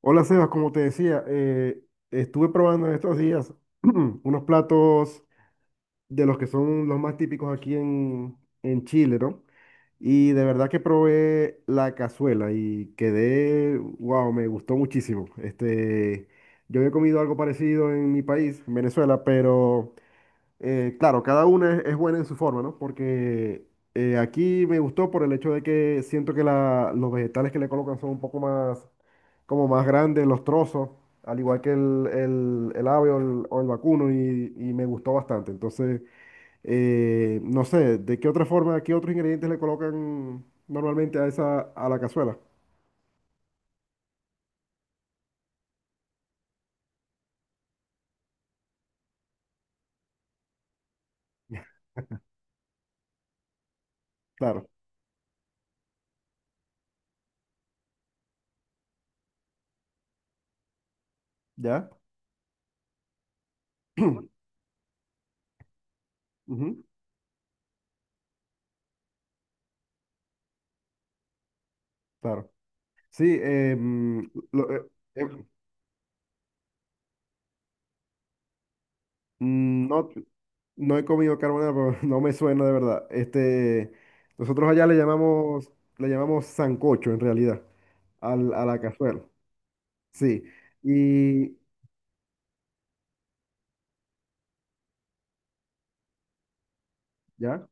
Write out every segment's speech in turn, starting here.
Hola Sebas, como te decía, estuve probando en estos días unos platos de los que son los más típicos aquí en Chile, ¿no? Y de verdad que probé la cazuela y quedé, wow, me gustó muchísimo. Este, yo había comido algo parecido en mi país, en Venezuela, pero claro, cada una es buena en su forma, ¿no? Porque aquí me gustó por el hecho de que siento que los vegetales que le colocan son un poco más como más grandes los trozos, al igual que el ave o el vacuno, y me gustó bastante. Entonces, no sé, ¿de qué otra forma, qué otros ingredientes le colocan normalmente a esa, a la cazuela? Claro, ¿ya? Ujú, claro. Sí, lo- eh, eh, no, no he comido carbonara, pero no me suena de verdad. Este, nosotros allá le llamamos, sancocho en realidad, al, a la cazuela. Sí, y ya,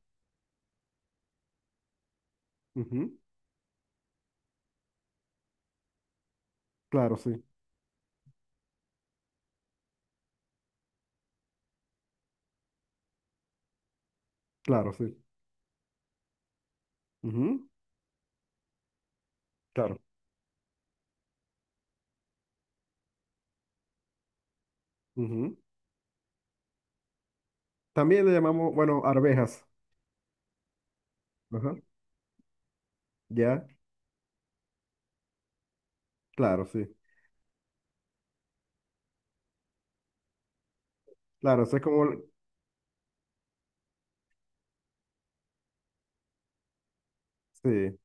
ujú, claro, sí, claro, sí, ujú, claro, ujú. También le llamamos, bueno, arvejas, ajá, ya, claro, sí, claro, eso es como. Sí,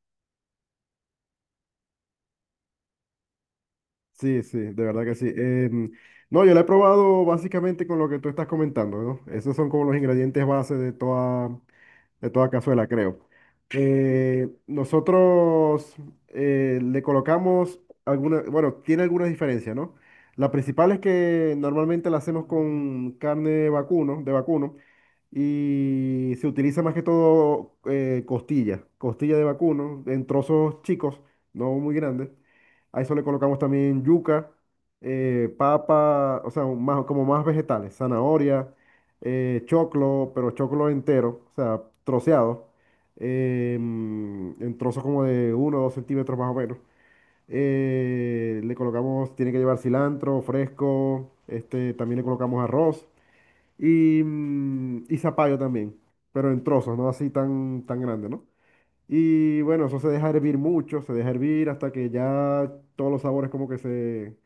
sí, sí, de verdad que sí. No, yo la he probado básicamente con lo que tú estás comentando, ¿no? Esos son como los ingredientes base de toda cazuela, creo. Nosotros le colocamos alguna, bueno, tiene algunas diferencias, ¿no? La principal es que normalmente la hacemos con carne vacuno, de vacuno y se utiliza más que todo costilla de vacuno en trozos chicos, no muy grandes. A eso le colocamos también yuca, papa, o sea, más, como más vegetales, zanahoria, choclo, pero choclo entero, o sea, troceado, en trozos como de uno o 2 centímetros más o menos. Le colocamos, tiene que llevar cilantro fresco, este, también le colocamos arroz. Y zapallo también, pero en trozos, no así tan, tan grande, ¿no? Y bueno, eso se deja hervir mucho, se deja hervir hasta que ya todos los sabores como que se,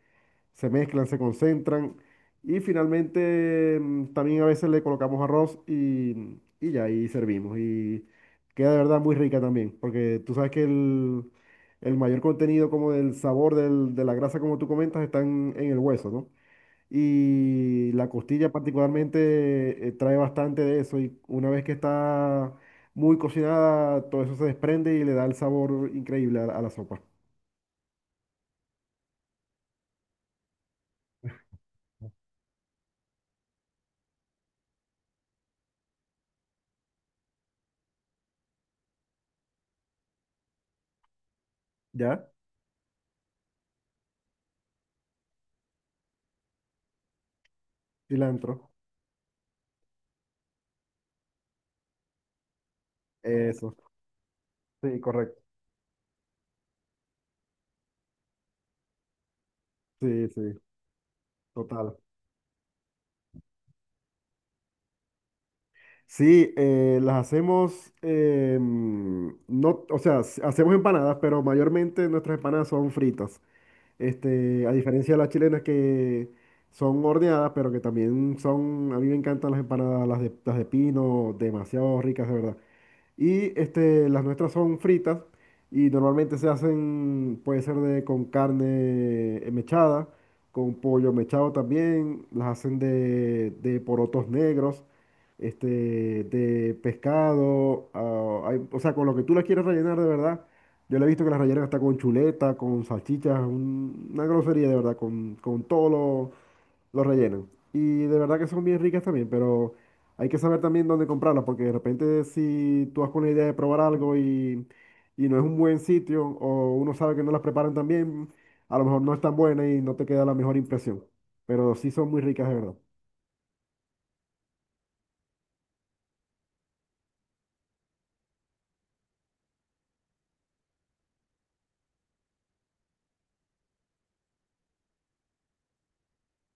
se mezclan, se concentran. Y finalmente también a veces le colocamos arroz y ya ahí servimos. Y queda de verdad muy rica también, porque tú sabes que el mayor contenido como del sabor de la grasa, como tú comentas, está en el hueso, ¿no? Y la costilla particularmente trae bastante de eso y una vez que está muy cocinada, todo eso se desprende y le da el sabor increíble a la sopa. ¿Ya? Cilantro. Eso. Sí, correcto. Sí, sí, total. Sí, las hacemos, no, o sea, hacemos empanadas, pero mayormente nuestras empanadas son fritas. Este, a diferencia de las chilenas que son horneadas, pero que también son, a mí me encantan las empanadas, las de pino, demasiado ricas, de verdad. Y este, las nuestras son fritas y normalmente se hacen, puede ser de, con carne mechada, con pollo mechado también, las hacen de, porotos negros, este, de pescado, ah, o sea, con lo que tú las quieres rellenar de verdad. Yo le he visto que las rellenan hasta con chuleta, con salchichas, una grosería de verdad, con todo lo, los rellenan. Y de verdad que son bien ricas también, pero hay que saber también dónde comprarlas, porque de repente si tú vas con la idea de probar algo y no es un buen sitio, o uno sabe que no las preparan tan bien, a lo mejor no es tan buena y no te queda la mejor impresión. Pero sí son muy ricas de verdad.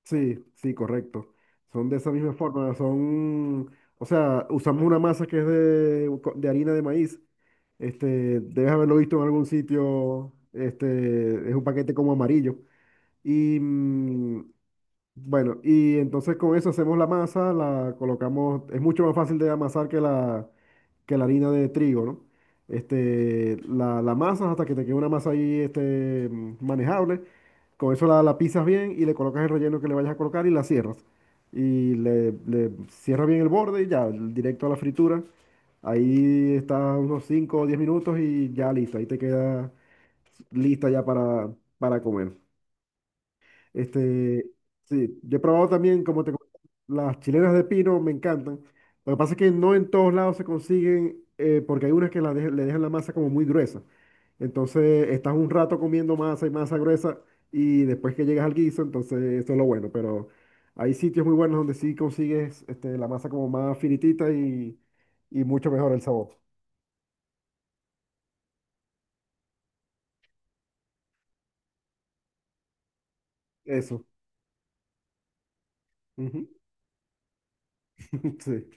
Sí, sí, correcto. Son de esa misma forma, son, o sea, usamos una masa que es de harina de maíz. Este, debes haberlo visto en algún sitio. Este, es un paquete como amarillo. Y bueno, y entonces con eso hacemos la masa, la colocamos, es mucho más fácil de amasar que la harina de trigo, ¿no? Este, la masa hasta que te quede una masa ahí este, manejable. Con eso la pisas bien y le colocas el relleno que le vayas a colocar y la cierras. Y le cierras bien el borde y ya, directo a la fritura. Ahí está unos 5 o 10 minutos y ya listo. Ahí te queda lista ya para comer. Este, sí, yo he probado también, como te comenté, las chilenas de pino me encantan. Lo que pasa es que no en todos lados se consiguen, porque hay unas que le dejan la masa como muy gruesa. Entonces estás un rato comiendo masa y masa gruesa y después que llegas al guiso, entonces eso es lo bueno. Pero hay sitios muy buenos donde sí consigues este, la masa como más finitita y mucho mejor el sabor. Eso. Ujú. Sí.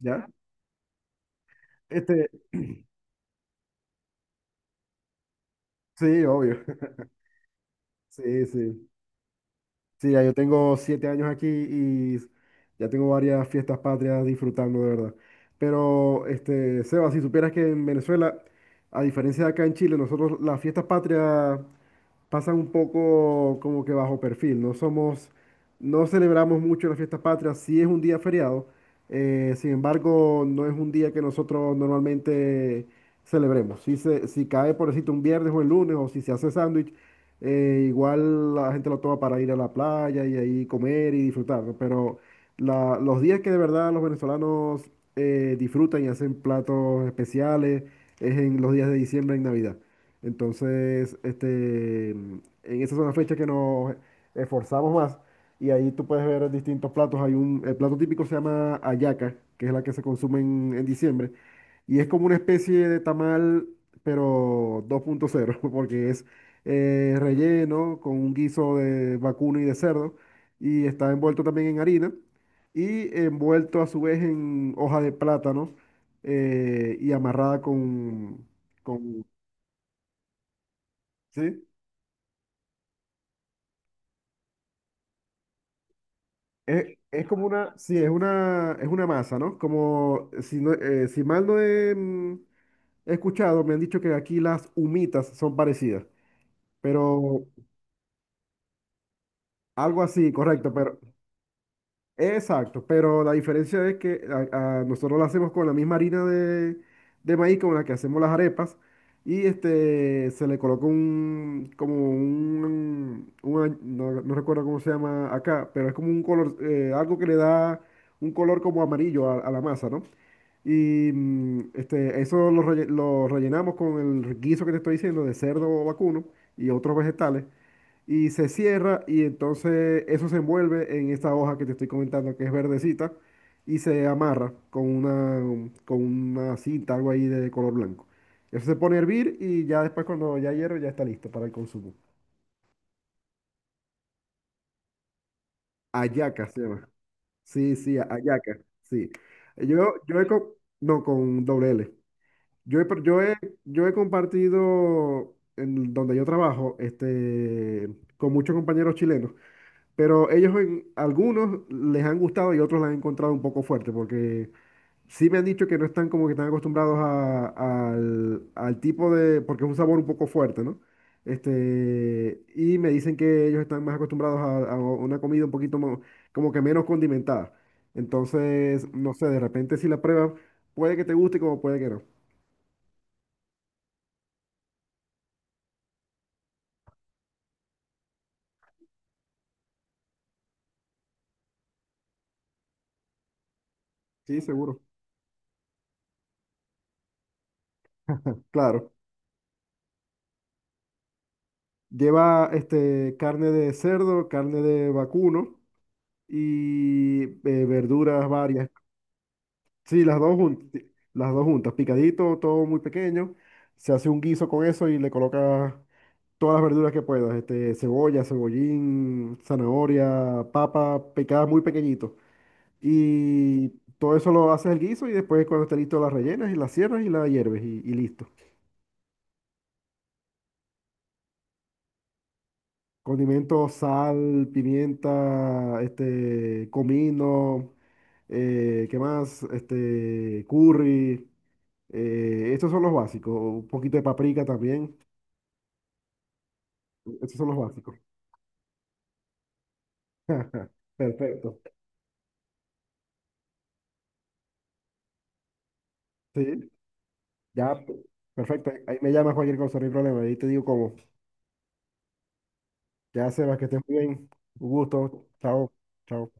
¿Ya? Este, sí, obvio. Sí, sí. Sí, ya yo tengo 7 años aquí y ya tengo varias fiestas patrias disfrutando, de verdad. Pero, este, Seba, si supieras que en Venezuela, a diferencia de acá en Chile, nosotros las fiestas patrias pasan un poco como que bajo perfil. No somos, no celebramos mucho la fiesta patria, sí es un día feriado, sin embargo, no es un día que nosotros normalmente celebremos. Si, se, si cae, por decirte, un viernes o el lunes, o si se hace sándwich, igual la gente lo toma para ir a la playa y ahí comer y disfrutar, ¿no? Pero los días que de verdad los venezolanos disfrutan y hacen platos especiales es en los días de diciembre, en Navidad. Entonces, este, en esas son las fechas que nos esforzamos más y ahí tú puedes ver distintos platos. Hay un, el plato típico se llama hallaca, que es la que se consume en diciembre y es como una especie de tamal, pero 2.0 porque es relleno con un guiso de vacuno y de cerdo y está envuelto también en harina y envuelto a su vez en hoja de plátano y amarrada con, ¿sí? Es como una, sí, es una masa, ¿no? Como, si, si mal no he, he escuchado, me han dicho que aquí las humitas son parecidas, pero algo así, correcto, pero, exacto, pero la diferencia es que a nosotros la hacemos con la misma harina de maíz con la que hacemos las arepas y este, se le coloca un, como un no, no recuerdo cómo se llama acá, pero es como un color, algo que le da un color como amarillo a la masa, ¿no? Y este, eso lo, lo rellenamos con el guiso que te estoy diciendo de cerdo vacuno y otros vegetales. Y se cierra y entonces eso se envuelve en esta hoja que te estoy comentando que es verdecita y se amarra con una cinta, algo ahí de color blanco. Eso se pone a hervir y ya después cuando ya hierve ya está listo para el consumo. Ayaca se llama. Sí, sí, ayaca. Sí. No, con doble L. Yo he, pro- yo he, yo he compartido en donde yo trabajo este, con muchos compañeros chilenos, pero ellos en algunos les han gustado y otros la han encontrado un poco fuerte, porque sí me han dicho que no están como que están acostumbrados al tipo de, porque es un sabor un poco fuerte, ¿no? Este, y me dicen que ellos están más acostumbrados a, una comida un poquito como que menos condimentada. Entonces, no sé, de repente si la pruebas, puede que te guste como puede que no. Sí, seguro. Claro, lleva este, carne de cerdo, carne de vacuno y verduras varias. Sí, las dos, las dos juntas, picadito, todo muy pequeño. Se hace un guiso con eso y le colocas todas las verduras que puedas. Este, cebolla, cebollín, zanahoria, papa, picadas muy pequeñito. Y todo eso lo haces el guiso y después cuando esté listo las rellenas y las cierras y la hierves y listo. Condimentos, sal, pimienta, este, comino, ¿qué más? Este, curry. Estos son los básicos. Un poquito de paprika también. Estos son los básicos. Perfecto. Sí, ya, perfecto. Ahí me llamas cualquier cosa, no hay problema. Ahí te digo cómo. Ya, Sebas, que estés muy bien. Un gusto. Chao. Chao.